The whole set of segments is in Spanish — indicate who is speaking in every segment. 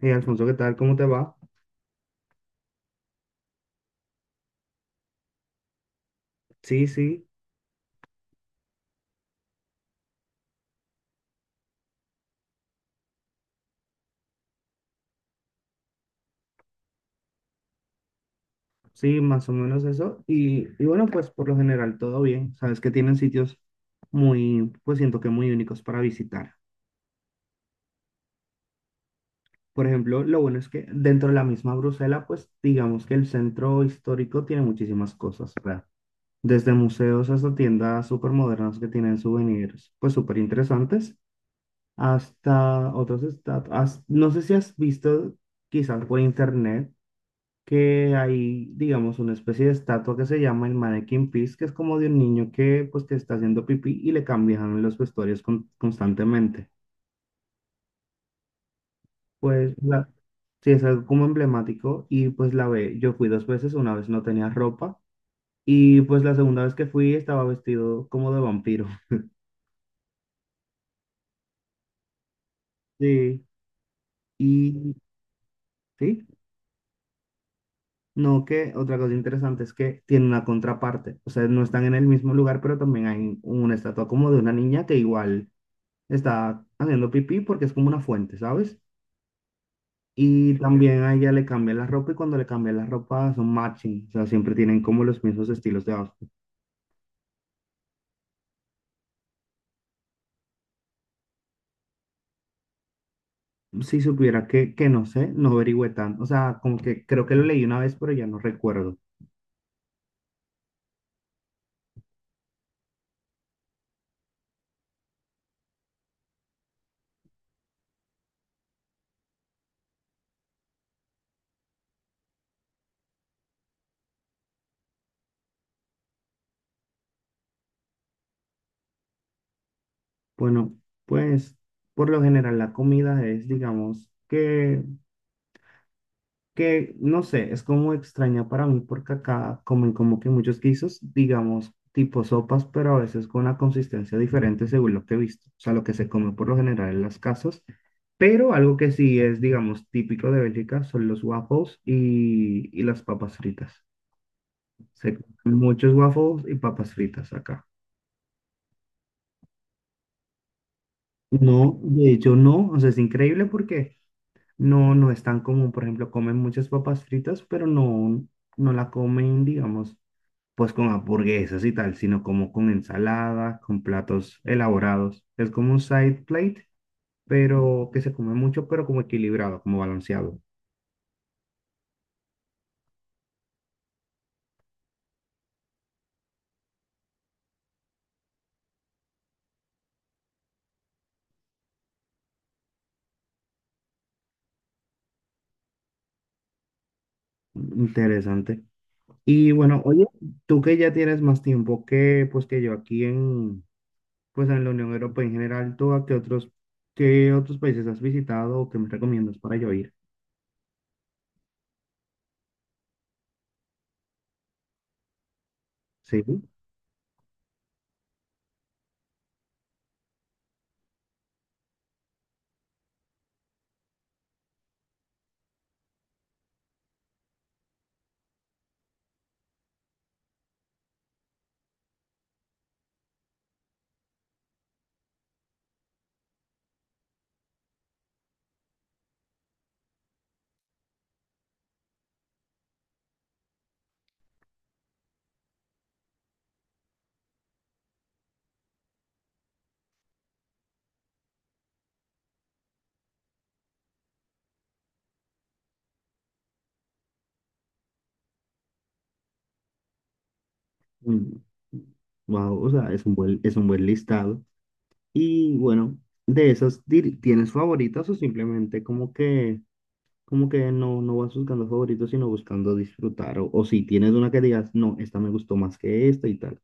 Speaker 1: Hey, Alfonso, ¿qué tal? ¿Cómo te va? Sí, sí, sí, más o menos eso. Y bueno, pues por lo general todo bien. Sabes que tienen sitios muy, pues siento que muy únicos para visitar. Por ejemplo, lo bueno es que dentro de la misma Bruselas, pues digamos que el centro histórico tiene muchísimas cosas, ¿verdad? Desde museos hasta tiendas súper modernas que tienen souvenirs, pues súper interesantes, hasta otros estados. No sé si has visto quizás por internet que hay, digamos, una especie de estatua que se llama el Mannequin Pis, que es como de un niño que, pues, que está haciendo pipí y le cambian los vestuarios constantemente. Pues, sí, es algo como emblemático y pues la ve, yo fui dos veces, una vez no tenía ropa y pues la segunda vez que fui estaba vestido como de vampiro. Sí, y sí, no que otra cosa interesante es que tiene una contraparte, o sea, no están en el mismo lugar, pero también hay una estatua como de una niña que igual está haciendo pipí porque es como una fuente, ¿sabes? Y también a ella le cambian la ropa y cuando le cambian la ropa son matching, o sea, siempre tienen como los mismos estilos de outfit. Si supiera que no sé, no averigüé tanto, o sea, como que creo que lo leí una vez, pero ya no recuerdo. Bueno, pues por lo general la comida es, digamos, que no sé, es como extraña para mí porque acá comen como que muchos guisos, digamos, tipo sopas, pero a veces con una consistencia diferente según lo que he visto, o sea, lo que se come por lo general en las casas, pero algo que sí es, digamos, típico de Bélgica son los waffles y las papas fritas. Se comen muchos waffles y papas fritas acá. No, de hecho no, o sea, es increíble porque no, no es tan común, por ejemplo, comen muchas papas fritas, pero no, no la comen, digamos pues con hamburguesas y tal, sino como con ensaladas, con platos elaborados. Es como un side plate, pero que se come mucho, pero como equilibrado, como balanceado. Interesante. Y bueno, oye, tú que ya tienes más tiempo que pues que yo aquí en pues en la Unión Europea en general, ¿tú a qué otros países has visitado o qué me recomiendas para yo ir? Sí. Wow, o sea, es un buen listado. Y bueno, de esas, ¿tienes favoritas o simplemente como que no, no vas buscando favoritos, sino buscando disfrutar? O si tienes una que digas, no, esta me gustó más que esta y tal.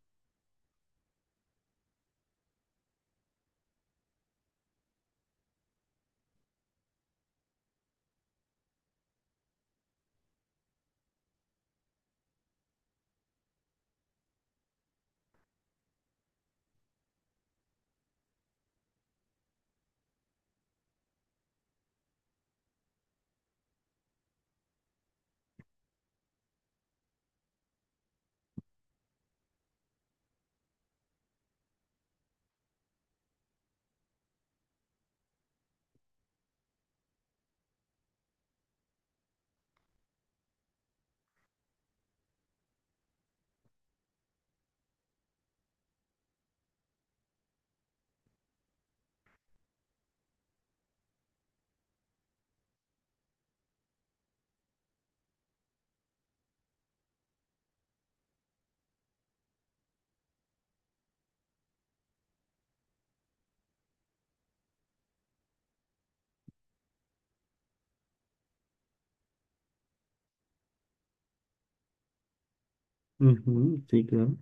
Speaker 1: Ujú, sí, claro.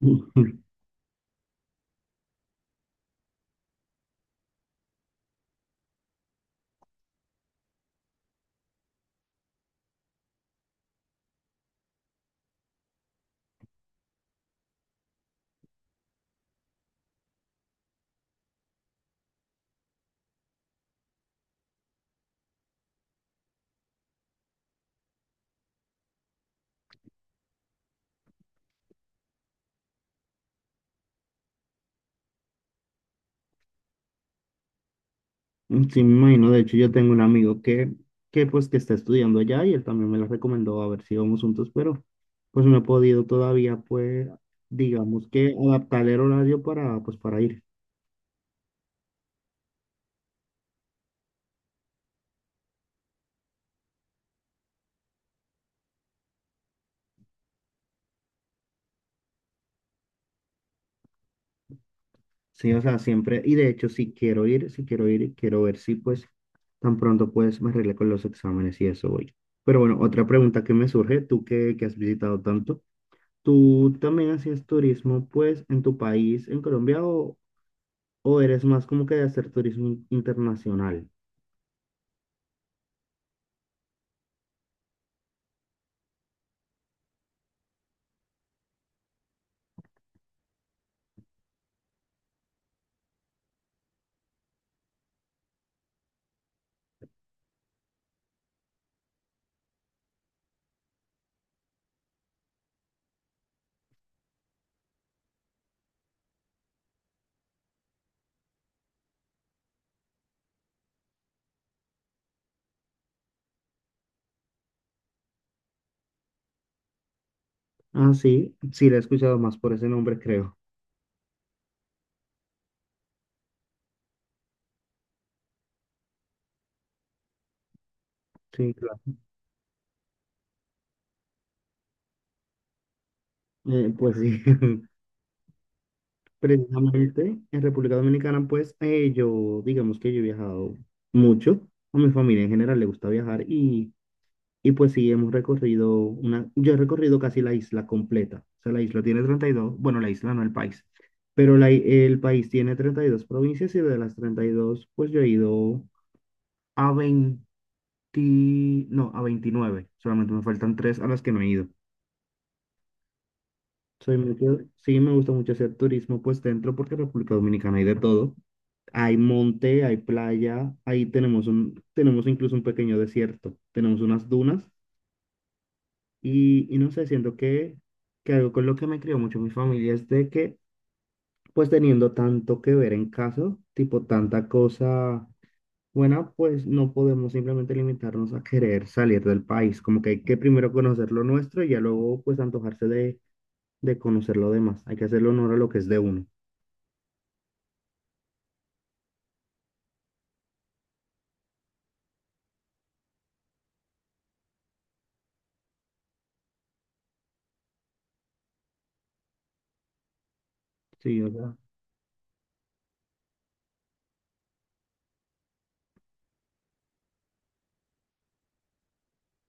Speaker 1: Ujú. Sí, me imagino. De hecho, yo tengo un amigo que pues que está estudiando allá y él también me la recomendó a ver si íbamos juntos, pero pues no he podido todavía, pues, digamos que adaptar el horario para, pues, para ir. Sí, o sea, siempre, y de hecho, si quiero ir, quiero ver si pues tan pronto pues me arregle con los exámenes y eso voy. Pero bueno, otra pregunta que me surge, tú que has visitado tanto, ¿tú también hacías turismo pues en tu país, en Colombia, o eres más como que de hacer turismo internacional? Ah, sí, sí, la he escuchado más por ese nombre, creo. Sí, claro. Pues sí. Precisamente en República Dominicana, pues yo, digamos que yo he viajado mucho, a mi familia en general le gusta viajar y pues sí, hemos recorrido una, yo he recorrido casi la isla completa, o sea, la isla tiene 32 bueno, la isla no el país, pero el país tiene 32 provincias y de las 32 pues yo he ido a 20, no, a 29. Solamente me faltan tres a las que no he ido. Soy mucho, sí, me gusta mucho hacer turismo pues dentro porque en República Dominicana hay de todo. Hay monte, hay playa, ahí tenemos un, tenemos incluso un pequeño desierto, tenemos unas dunas y no sé, siento que algo con lo que me crió mucho mi familia es de que pues teniendo tanto que ver en casa, tipo tanta cosa buena, pues no podemos simplemente limitarnos a querer salir del país, como que hay que primero conocer lo nuestro y ya luego pues antojarse de conocer lo demás, hay que hacerle honor a lo que es de uno. Sí, o sea,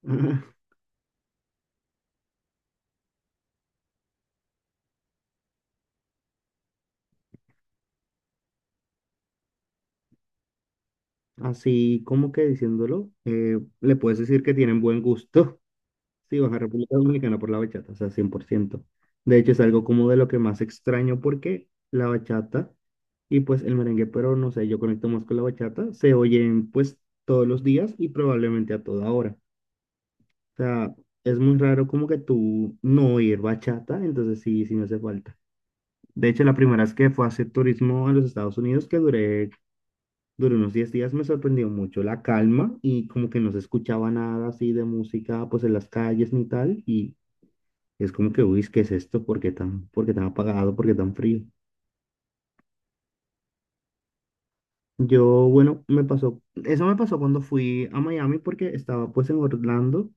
Speaker 1: así como que diciéndolo, le puedes decir que tienen buen gusto. Sí, vas a República Dominicana por la bachata, o sea, 100%. De hecho, es algo como de lo que más extraño porque la bachata y pues el merengue, pero no sé, yo conecto más con la bachata, se oyen pues todos los días y probablemente a toda hora. O sea, es muy raro como que tú no oír bachata, entonces sí, sí me hace falta. De hecho, la primera vez que fue a hacer turismo a los Estados Unidos, que duré Duró unos 10 días, me sorprendió mucho la calma y como que no se escuchaba nada así de música pues en las calles ni tal y es como que, uy, ¿qué es esto? Por qué tan apagado? ¿Por qué tan frío? Yo, bueno, me pasó, eso me pasó cuando fui a Miami porque estaba pues en Orlando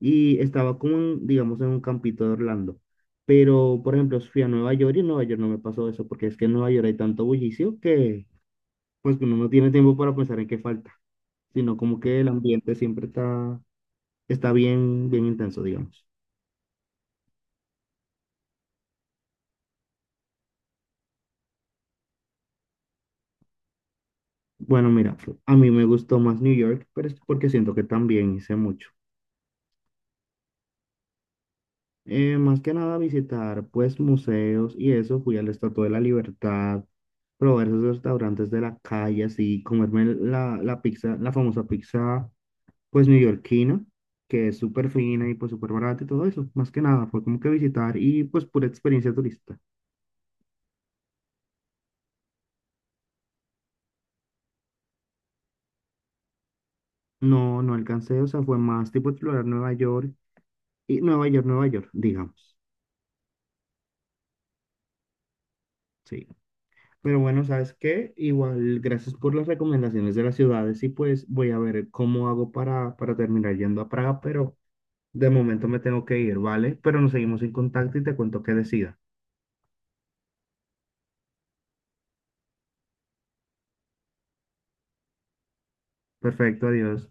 Speaker 1: y estaba como en, digamos, en un campito de Orlando. Pero, por ejemplo, fui a Nueva York y en Nueva York no me pasó eso porque es que en Nueva York hay tanto bullicio que pues que uno no tiene tiempo para pensar en qué falta, sino como que el ambiente siempre está bien, bien intenso, digamos. Bueno, mira, a mí me gustó más New York, pero es porque siento que también hice mucho. Más que nada visitar, pues, museos y eso, fui a la Estatua de la Libertad, probar esos restaurantes de la calle, así, comerme la pizza, la famosa pizza, pues, neoyorquina, que es súper fina y, pues, súper barata y todo eso. Más que nada, fue como que visitar y, pues, pura experiencia turista. No, no alcancé, o sea, fue más tipo explorar Nueva York y Nueva York, Nueva York, digamos. Sí. Pero bueno, ¿sabes qué? Igual, gracias por las recomendaciones de las ciudades y pues voy a ver cómo hago para terminar yendo a Praga, pero de momento me tengo que ir, ¿vale? Pero nos seguimos en contacto y te cuento qué decida. Perfecto, adiós.